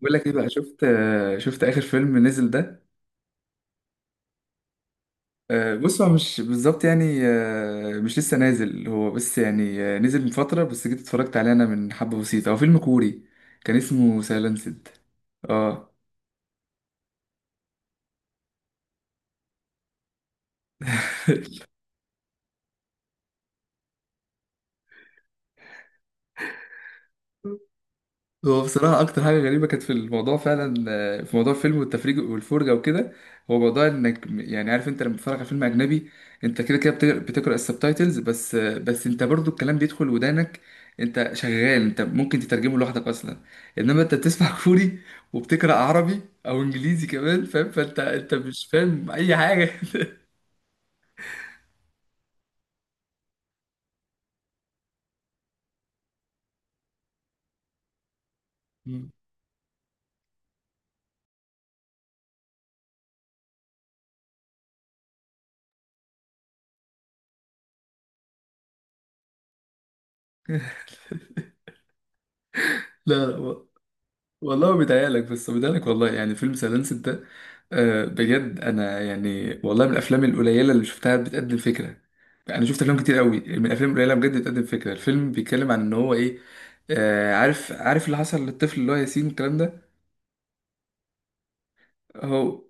بقول لك ايه بقى شفت اخر فيلم نزل ده. بص، هو مش بالظبط يعني، مش لسه نازل هو، بس يعني نزل من فترة، بس جيت اتفرجت عليه انا من حبة بسيطة. هو فيلم كوري كان اسمه سايلنسد. اه. هو بصراحة أكتر حاجة غريبة كانت في الموضوع فعلا، في موضوع الفيلم والتفريج والفرجة وكده، هو موضوع إنك يعني عارف، أنت لما بتتفرج على فيلم أجنبي أنت كده كده بتقرأ السبتايتلز بس، بس أنت برضو الكلام بيدخل ودانك. أنت شغال، أنت ممكن تترجمه لوحدك أصلا. إنما أنت بتسمع كوري، وبتقرأ عربي أو إنجليزي كمان، فاهم؟ فأنت مش فاهم أي حاجة. مم. لا، لا، والله بيتهيألك، بس بيتهيألك والله. يعني فيلم سايلنس ده، بجد انا يعني والله من الافلام القليله اللي شفتها بتقدم فكره. انا شفت افلام كتير قوي، من الافلام القليله بجد بتقدم فكره. الفيلم بيتكلم عن ان هو ايه، عارف عارف اللي حصل للطفل اللي هو ياسين والكلام ده. هو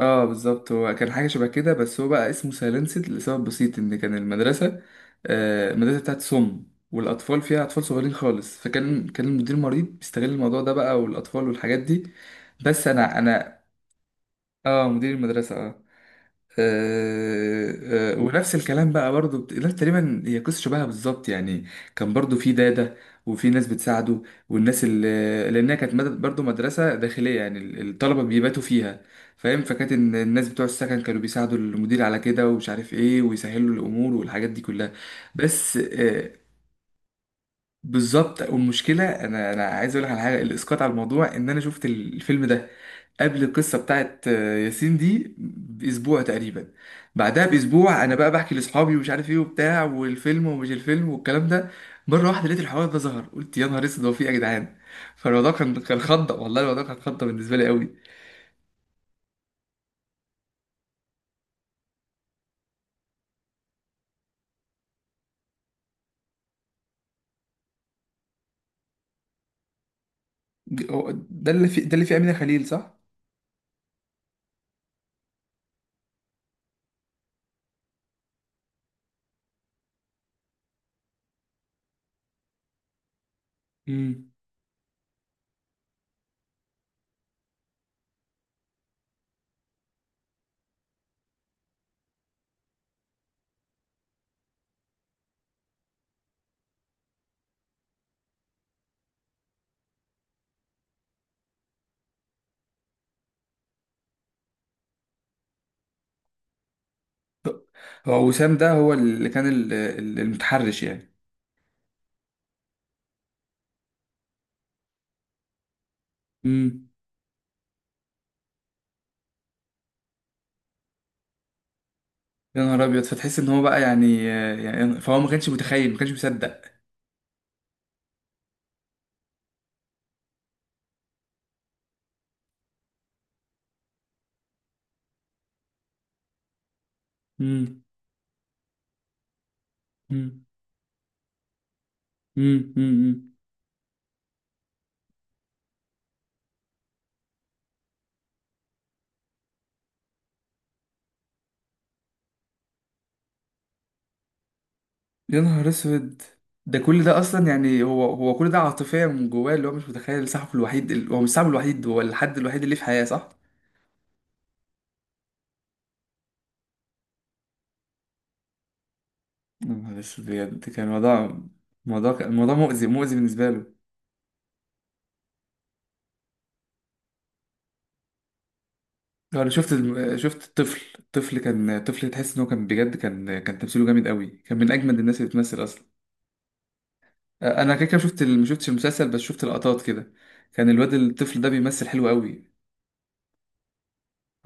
اه بالظبط، هو كان حاجة شبه كده، بس هو بقى اسمه سايلنسد لسبب بسيط ان كان المدرسة، آه المدرسة بتاعت سم، والاطفال فيها اطفال صغيرين خالص، فكان المدير المريض بيستغل الموضوع ده بقى والاطفال والحاجات دي. بس انا اه مدير المدرسة اه. ونفس الكلام بقى برضو، لا تقريبا هي قصة شبهها بالظبط يعني. كان برضو في دادة، وفي ناس بتساعده، والناس اللي لأنها كانت برضو مدرسة داخلية يعني الطلبة بيباتوا فيها، فاهم؟ فكانت إن الناس بتوع السكن كانوا بيساعدوا المدير على كده ومش عارف ايه، ويسهلوا الأمور والحاجات دي كلها. بس بالظبط. والمشكله انا عايز اقول لك على حاجه، الاسقاط على الموضوع ان انا شفت الفيلم ده قبل القصه بتاعت ياسين دي باسبوع تقريبا. بعدها باسبوع انا بقى بحكي لاصحابي ومش عارف ايه وبتاع، والفيلم ومش الفيلم والكلام ده، مره واحده لقيت الحوار ده ظهر، قلت يا نهار اسود هو في ايه يا جدعان. فالموضوع كان خضه والله، الموضوع كان خضه بالنسبه لي قوي. ده اللي في ده اللي فيه امينه خليل صح؟ امم. هو وسام ده هو اللي كان المتحرش يعني. يا نهار ابيض، فتحس ان هو بقى يعني، يعني فهو ما كانش متخيل، ما كانش مصدق. مم. مم. مم. مم. يا نهار اسود، ده كل ده اصلا يعني، هو كل ده عاطفيا من جواه، اللي هو مش متخيل صاحبه الوحيد، هو مش صاحبه الوحيد، هو الحد الوحيد اللي في حياة، صح؟ يا نهار اسود بجد كان الموضوع، الموضوع كان الموضوع مؤذي، مؤذي بالنسبة له. انا شفت شفت الطفل، الطفل كان الطفل تحس ان هو كان بجد، كان تمثيله جامد قوي، كان من اجمد الناس اللي بتمثل اصلا. انا كده كده شفت ما شفتش المسلسل، بس شفت لقطات كده، كان الواد الطفل ده بيمثل حلو قوي.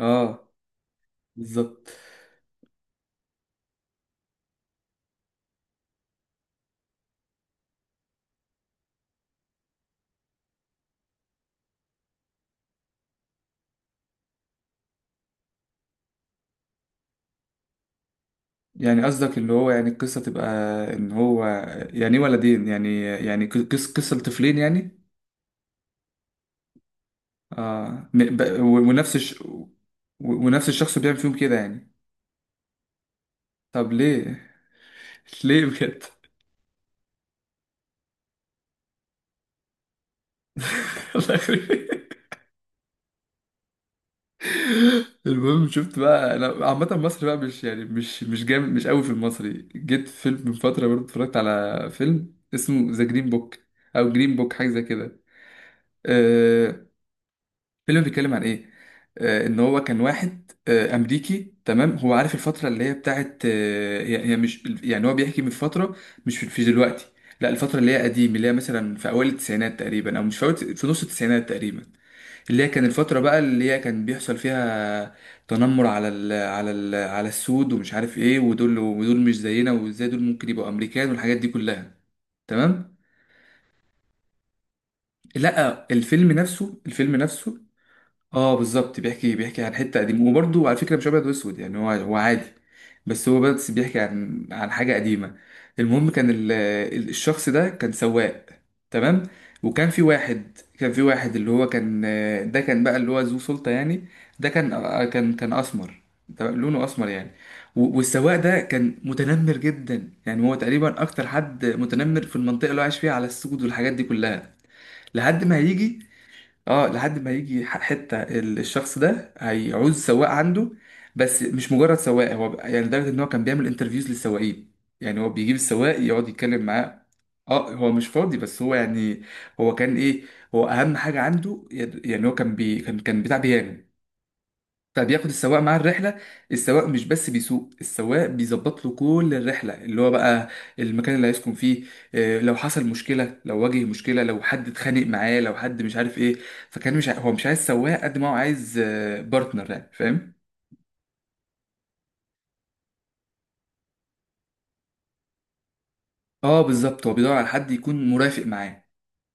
اه بالظبط. يعني قصدك اللي هو يعني القصه تبقى ان هو، يعني ايه ولدين يعني، يعني قصه لطفلين يعني. اه ونفس ونفس الشخص بيعمل فيهم كده يعني. طب ليه؟ ليه بجد؟ الله يخرب. المهم شفت بقى انا عامه مصر بقى مش يعني مش جامد مش قوي في المصري. جيت فيلم من فتره برضه اتفرجت على فيلم اسمه ذا جرين بوك، او جرين بوك حاجه زي كده. آه، الفيلم بيتكلم عن ايه، ان هو كان واحد امريكي، تمام. هو عارف الفتره اللي هي بتاعت، هي هي مش يعني هو بيحكي من فتره، مش في في دلوقتي، لا الفتره اللي هي قديم، اللي هي مثلا في اوائل التسعينات تقريبا، او مش في نص التسعينات تقريبا، اللي هي كان الفترة بقى اللي هي كان بيحصل فيها تنمر على السود ومش عارف ايه، ودول ودول مش زينا، وازاي دول ممكن يبقوا امريكان والحاجات دي كلها. تمام. لا الفيلم نفسه، الفيلم نفسه. اه بالظبط، بيحكي عن حته قديمه، وبرضه على فكره مش ابيض واسود يعني، هو عادي، بس هو بس بيحكي عن عن حاجه قديمه. المهم كان الشخص ده كان سواق، تمام. وكان في واحد، كان في واحد اللي هو كان، ده كان بقى اللي هو ذو سلطه يعني. ده كان كان اسمر، تمام؟ لونه اسمر يعني. والسواق ده كان متنمر جدا يعني، هو تقريبا اكتر حد متنمر في المنطقه اللي هو عايش فيها على السود والحاجات دي كلها. لحد ما هيجي، اه لحد ما يجي حته الشخص ده هيعوز سواق عنده. بس مش مجرد سواق، هو يعني لدرجه ان هو كان بيعمل انترفيوز للسواقين. يعني هو بيجيب السواق يقعد يتكلم معاه. اه هو مش فاضي، بس هو يعني هو كان ايه، هو اهم حاجه عنده يعني هو كان بي كان كان بتاع بيانو. فبياخد السواق مع الرحلة، السواق مش بس بيسوق، السواق بيظبط له كل الرحلة، اللي هو بقى المكان اللي هيسكن فيه، لو حصل مشكلة، لو واجه مشكلة، لو حد اتخانق معاه، لو حد مش عارف ايه. فكان مش هو مش عايز سواق قد ما هو عايز بارتنر يعني، فاهم؟ اه بالظبط، هو بيدور على حد يكون مرافق معاه،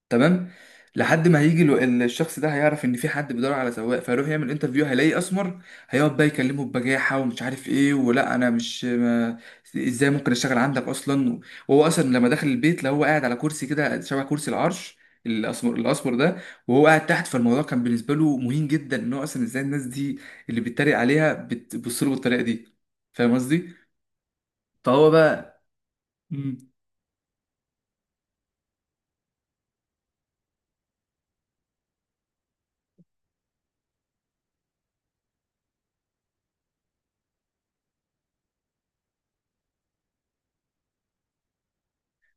تمام. لحد ما هيجي الشخص ده هيعرف ان في حد بيدور على سواق، فيروح يعمل انترفيو، هيلاقيه اسمر. هيقعد بقى يكلمه ببجاحه ومش عارف ايه، ولا انا مش ما ازاي ممكن اشتغل عندك اصلا. وهو اصلا لما دخل البيت لا، هو قاعد على كرسي كده شبه كرسي العرش، الاسمر، الاسمر ده، وهو قاعد تحت. فالموضوع كان بالنسبه له مهين جدا، ان هو اصلا ازاي الناس دي اللي بيتريق عليها بتبص له بالطريقه دي، فاهم قصدي؟ فهو بقى. مم.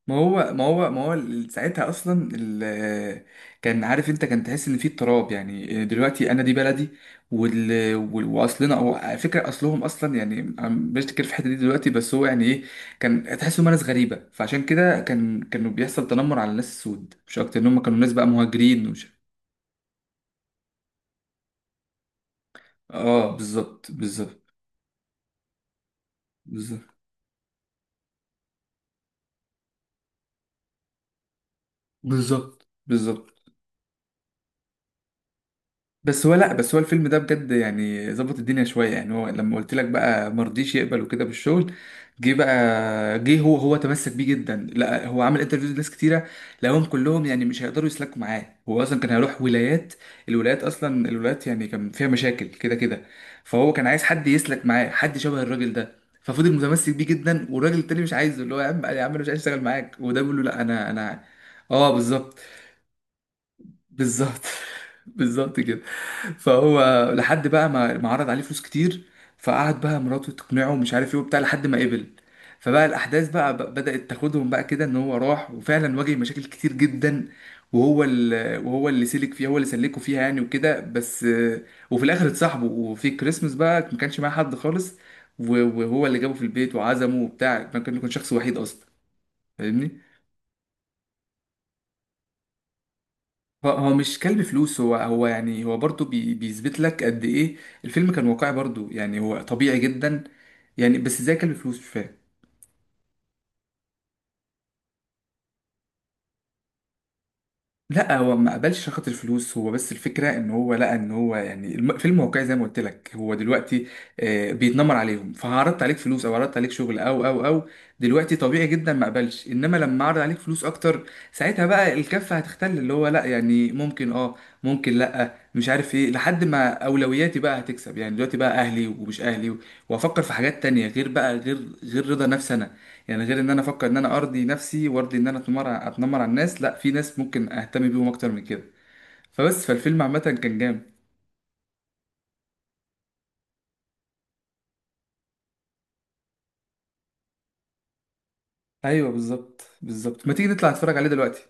ما هو ساعتها اصلا كان عارف انت، كان تحس ان في اضطراب يعني، دلوقتي انا دي بلدي، واصلنا او على فكره اصلهم اصلا يعني، بشتكر في الحته دي دلوقتي. بس هو يعني ايه، كان تحس انهم ناس غريبه، فعشان كده كانوا بيحصل تنمر على الناس السود، مش اكتر ان هم كانوا ناس بقى مهاجرين ومش. اه بالظبط، بالظبط، بالظبط، بالظبط، بالظبط. بس هو لا بس هو الفيلم ده بجد يعني ظبط الدنيا شويه يعني. هو لما قلت لك بقى مرضيش يقبل وكده بالشغل، جه بقى هو تمسك بيه جدا، لا هو عمل انترفيوز لناس كتيره، لقاهم كلهم يعني مش هيقدروا يسلكوا معاه. هو اصلا كان هيروح ولايات، الولايات اصلا، الولايات يعني كان فيها مشاكل كده كده، فهو كان عايز حد يسلك معاه، حد شبه الراجل ده. ففضل متمسك بيه جدا، والراجل التاني مش عايزه، اللي هو يا عم يا عم انا مش عايز اشتغل معاك، وده بيقول له لا انا انا اه بالظبط بالظبط بالظبط كده. فهو لحد بقى ما عرض عليه فلوس كتير، فقعد بقى مراته تقنعه ومش عارف ايه وبتاع لحد ما قبل. فبقى الاحداث بقى بدأت تاخدهم بقى كده، ان هو راح وفعلا واجه مشاكل كتير جدا، وهو اللي سلك فيها، هو اللي سلكه فيها يعني وكده، بس وفي الاخر اتصاحبوا، وفي كريسمس بقى ما كانش معاه حد خالص، و- وهو اللي جابه في البيت وعزمه وبتاع، ما كان كان شخص وحيد اصلا، فاهمني؟ هو مش كلب فلوس، هو يعني هو برضه بيثبت لك قد ايه الفيلم كان واقعي برضه يعني، هو طبيعي جدا يعني، بس زي كلب فلوس مش فاهم. لا هو ما قبلش عشان خاطر الفلوس، هو بس الفكره ان هو لقى ان هو يعني فيلم واقعي زي ما قلت لك، هو دلوقتي بيتنمر عليهم، فعرضت عليك فلوس او عرضت عليك شغل او او او دلوقتي طبيعي جدا ما قبلش. انما لما عرض عليك فلوس اكتر، ساعتها بقى الكفه هتختل، اللي هو لا يعني ممكن اه ممكن لا مش عارف ايه، لحد ما اولوياتي بقى هتكسب يعني، دلوقتي بقى اهلي ومش اهلي، وافكر في حاجات تانية غير بقى غير رضا نفسي انا، يعني غير ان انا افكر ان انا ارضي نفسي، وارضي ان انا اتنمر، اتنمر على الناس. لا، في ناس ممكن اهتم بيهم اكتر من كده. فبس فالفيلم عامه كان جامد. ايوه بالظبط بالظبط، ما تيجي نطلع نتفرج عليه دلوقتي.